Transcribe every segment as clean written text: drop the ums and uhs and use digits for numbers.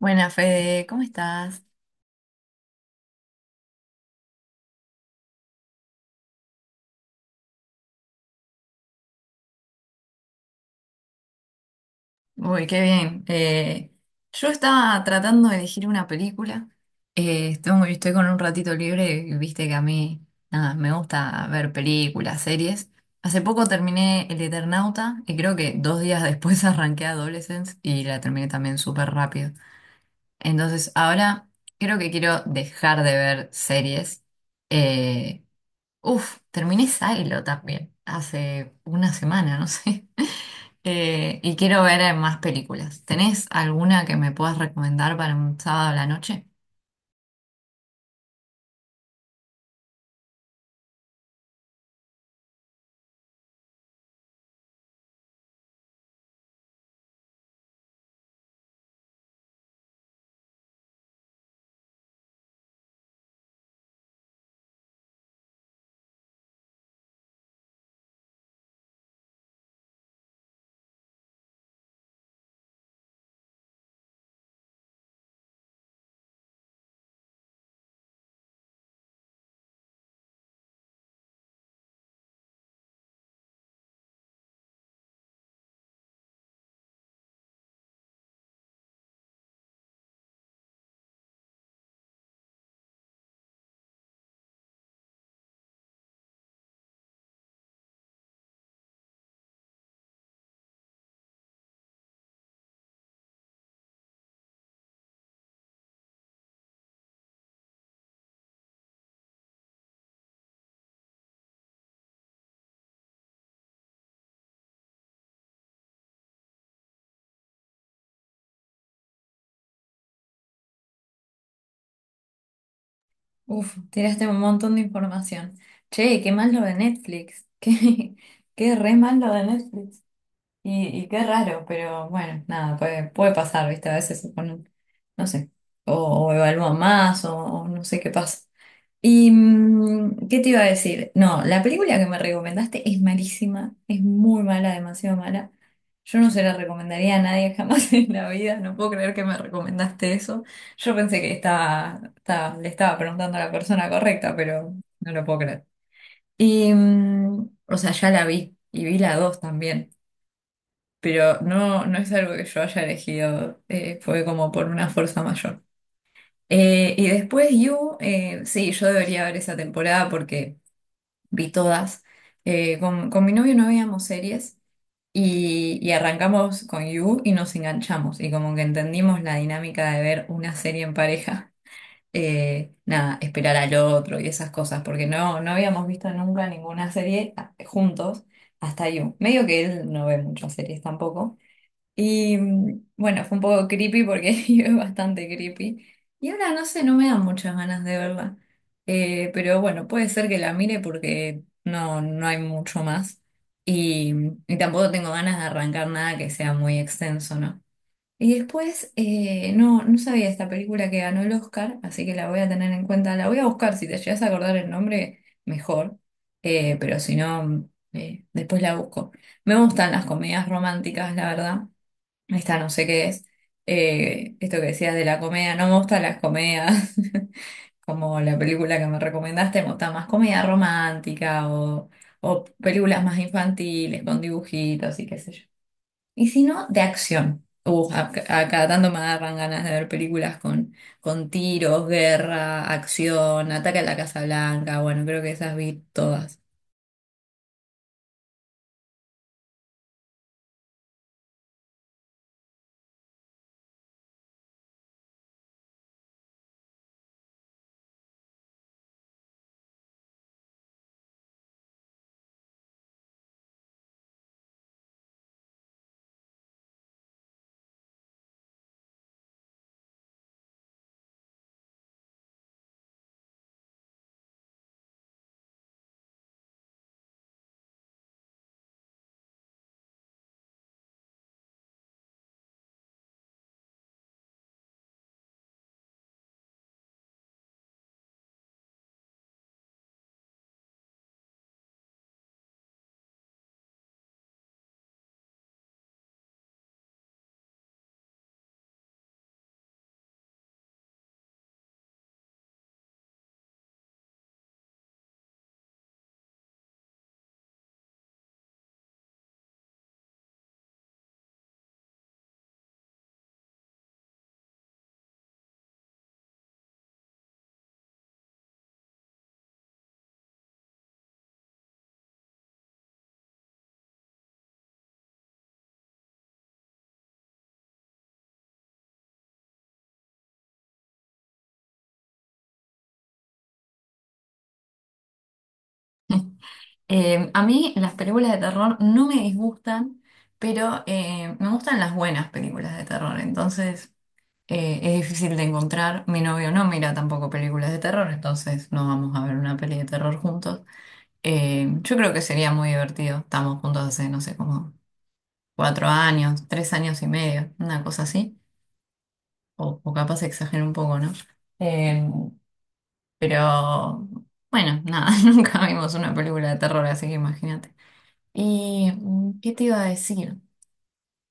Buenas, Fede, ¿cómo estás? Uy, qué bien. Yo estaba tratando de elegir una película. Estoy con un ratito libre y viste que a mí nada, me gusta ver películas, series. Hace poco terminé El Eternauta y creo que dos días después arranqué Adolescence y la terminé también súper rápido. Entonces, ahora creo que quiero dejar de ver series. Eh, Uf, terminé Silo también hace una semana, no sé. Y quiero ver más películas. ¿Tenés alguna que me puedas recomendar para un sábado a la noche? Uf, tiraste un montón de información. Che, qué mal lo de Netflix. Qué, qué re mal lo de Netflix. Y qué raro, pero bueno, nada, puede pasar, ¿viste? A veces se ponen, no sé, o, o evalúan más, o no sé qué pasa. ¿Y qué te iba a decir? No, la película que me recomendaste es malísima, es muy mala, demasiado mala. Yo no se la recomendaría a nadie jamás en la vida, no puedo creer que me recomendaste eso. Yo pensé que le estaba preguntando a la persona correcta, pero no lo puedo creer. Y, mm, o sea, ya la vi, y vi la dos también, pero no, no es algo que yo haya elegido, fue como por una fuerza mayor. Y después You, sí, yo debería ver esa temporada porque vi todas. Con mi novio no veíamos series, y arrancamos con You y nos enganchamos y como que entendimos la dinámica de ver una serie en pareja. Nada, esperar al otro y esas cosas, porque no, no habíamos visto nunca ninguna serie juntos hasta You. Medio que él no ve muchas series tampoco. Y mm, bueno, fue un poco creepy porque yo es bastante creepy. Y ahora no sé, no me dan muchas ganas de verla. Pero bueno, puede ser que la mire porque no, no hay mucho más. Y, mm, y tampoco tengo ganas de arrancar nada que sea muy extenso, ¿no? Y después, no, no sabía esta película que ganó el Oscar, así que la voy a tener en cuenta. La voy a buscar, si te llegas a acordar el nombre, mejor. Pero si no, mm, después la busco. Me gustan las comedias románticas, la verdad. Esta no sé qué es. Esto que decías de la comedia, no me gustan las comedias, como la película que me recomendaste, me gusta más comedia romántica o películas más infantiles con dibujitos y qué sé yo. Y si no, de acción. A cada tanto me agarran ganas de ver películas con tiros, guerra, acción, ataque a la Casa Blanca. Bueno, creo que esas vi todas. A mí las películas de terror no me disgustan, pero me gustan las buenas películas de terror, entonces es difícil de encontrar. Mi novio no mira tampoco películas de terror, entonces no vamos a ver una peli de terror juntos. Yo creo que sería muy divertido. Estamos juntos hace, no sé, como 4 años, 3 años y medio, una cosa así, o capaz exagero un poco, ¿no? Eh, pero bueno, nada, nunca vimos una película de terror, así que imagínate. ¿Y qué te iba a decir?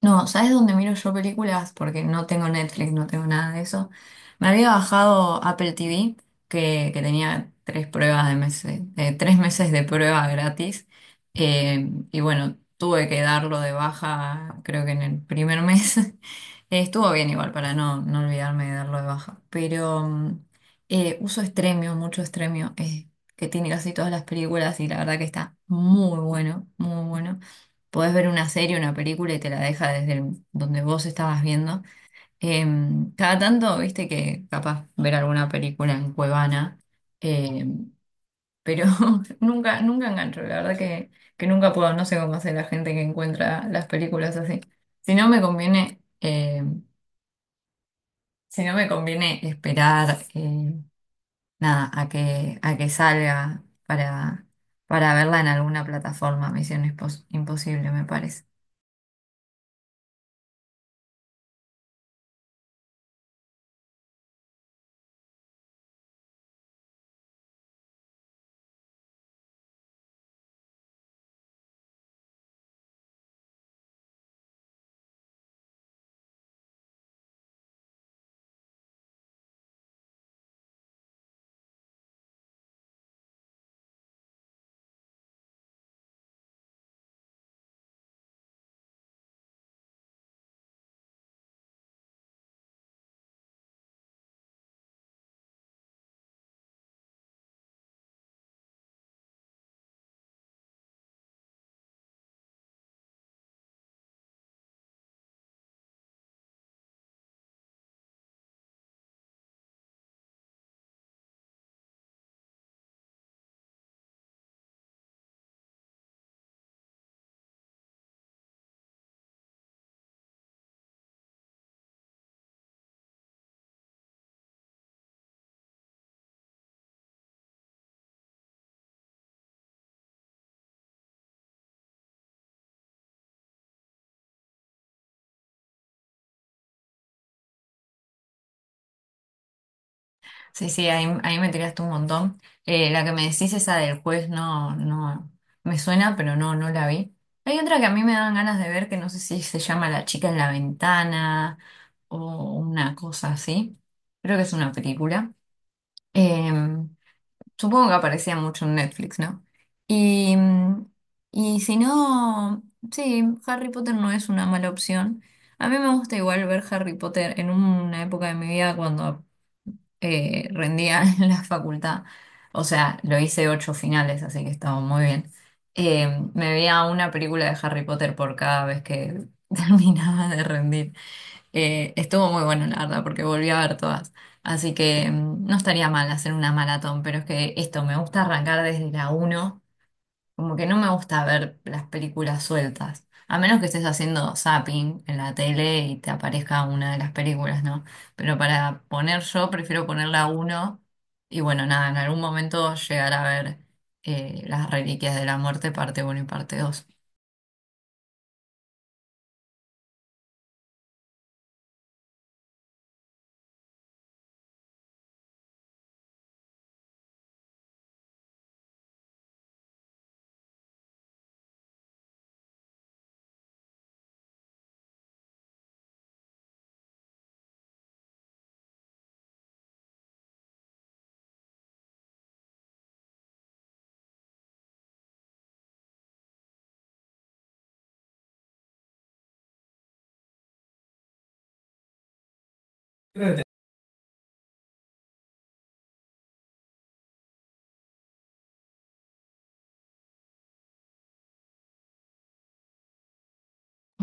No, ¿sabes dónde miro yo películas? Porque no tengo Netflix, no tengo nada de eso. Me había bajado Apple TV, que tenía 3 pruebas de meses, 3 meses de prueba gratis. Y bueno, tuve que darlo de baja, creo que en el primer mes. Estuvo bien igual para no, no olvidarme de darlo de baja. Pero mm, uso Stremio, mucho Stremio, que tiene casi todas las películas y la verdad que está muy bueno, muy bueno, podés ver una serie, una película y te la deja desde donde vos estabas viendo. Cada tanto, viste que capaz ver alguna película en Cuevana, em, pero nunca engancho, la verdad que nunca puedo, no sé cómo hace la gente que encuentra las películas así. Si no me conviene, em, si no me conviene esperar, nada, a que salga para verla en alguna plataforma, Imposible, me parece. Sí, sí, ahí, ahí me tiraste un montón. La que me decís, esa del juez, no, no, me suena, pero no, no la vi. Hay otra que a mí me dan ganas de ver, que no sé si se llama La chica en la ventana o una cosa así. Creo que es una película. Eh, Supongo que aparecía mucho en Netflix, ¿no? Y, y si no, sí, Harry Potter no es una mala opción. A mí me gusta igual ver Harry Potter en una época de mi vida cuando rendía en la facultad. O sea, lo hice 8 finales, así que estaba muy bien. Eh, Me veía una película de Harry Potter por cada vez que terminaba de rendir. Estuvo muy bueno, la verdad, porque volví a ver todas. Así que mm, no estaría mal hacer una maratón, pero es que esto me gusta arrancar desde la uno. Como que no me gusta ver las películas sueltas, a menos que estés haciendo zapping en la tele y te aparezca una de las películas, ¿no? Pero para poner yo, prefiero ponerla uno y bueno, nada, en algún momento llegar a ver Las Reliquias de la Muerte, parte uno y parte dos.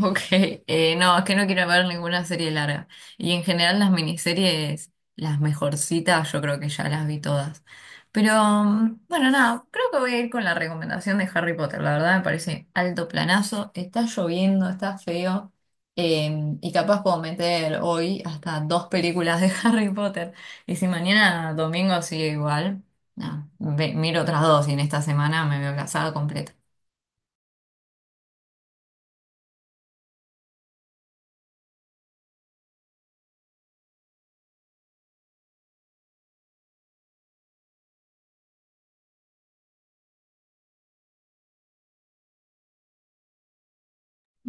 Ok, no, es que no quiero ver ninguna serie larga. Y en general las miniseries, las mejorcitas, yo creo que ya las vi todas. Pero mm, bueno, nada, creo que voy a ir con la recomendación de Harry Potter. La verdad me parece alto planazo. Está lloviendo, está feo. Y capaz puedo meter hoy hasta dos películas de Harry Potter. Y si mañana domingo sigue igual, nada, miro otras dos y en esta semana me veo casada completa.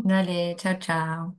Dale, chao, chao.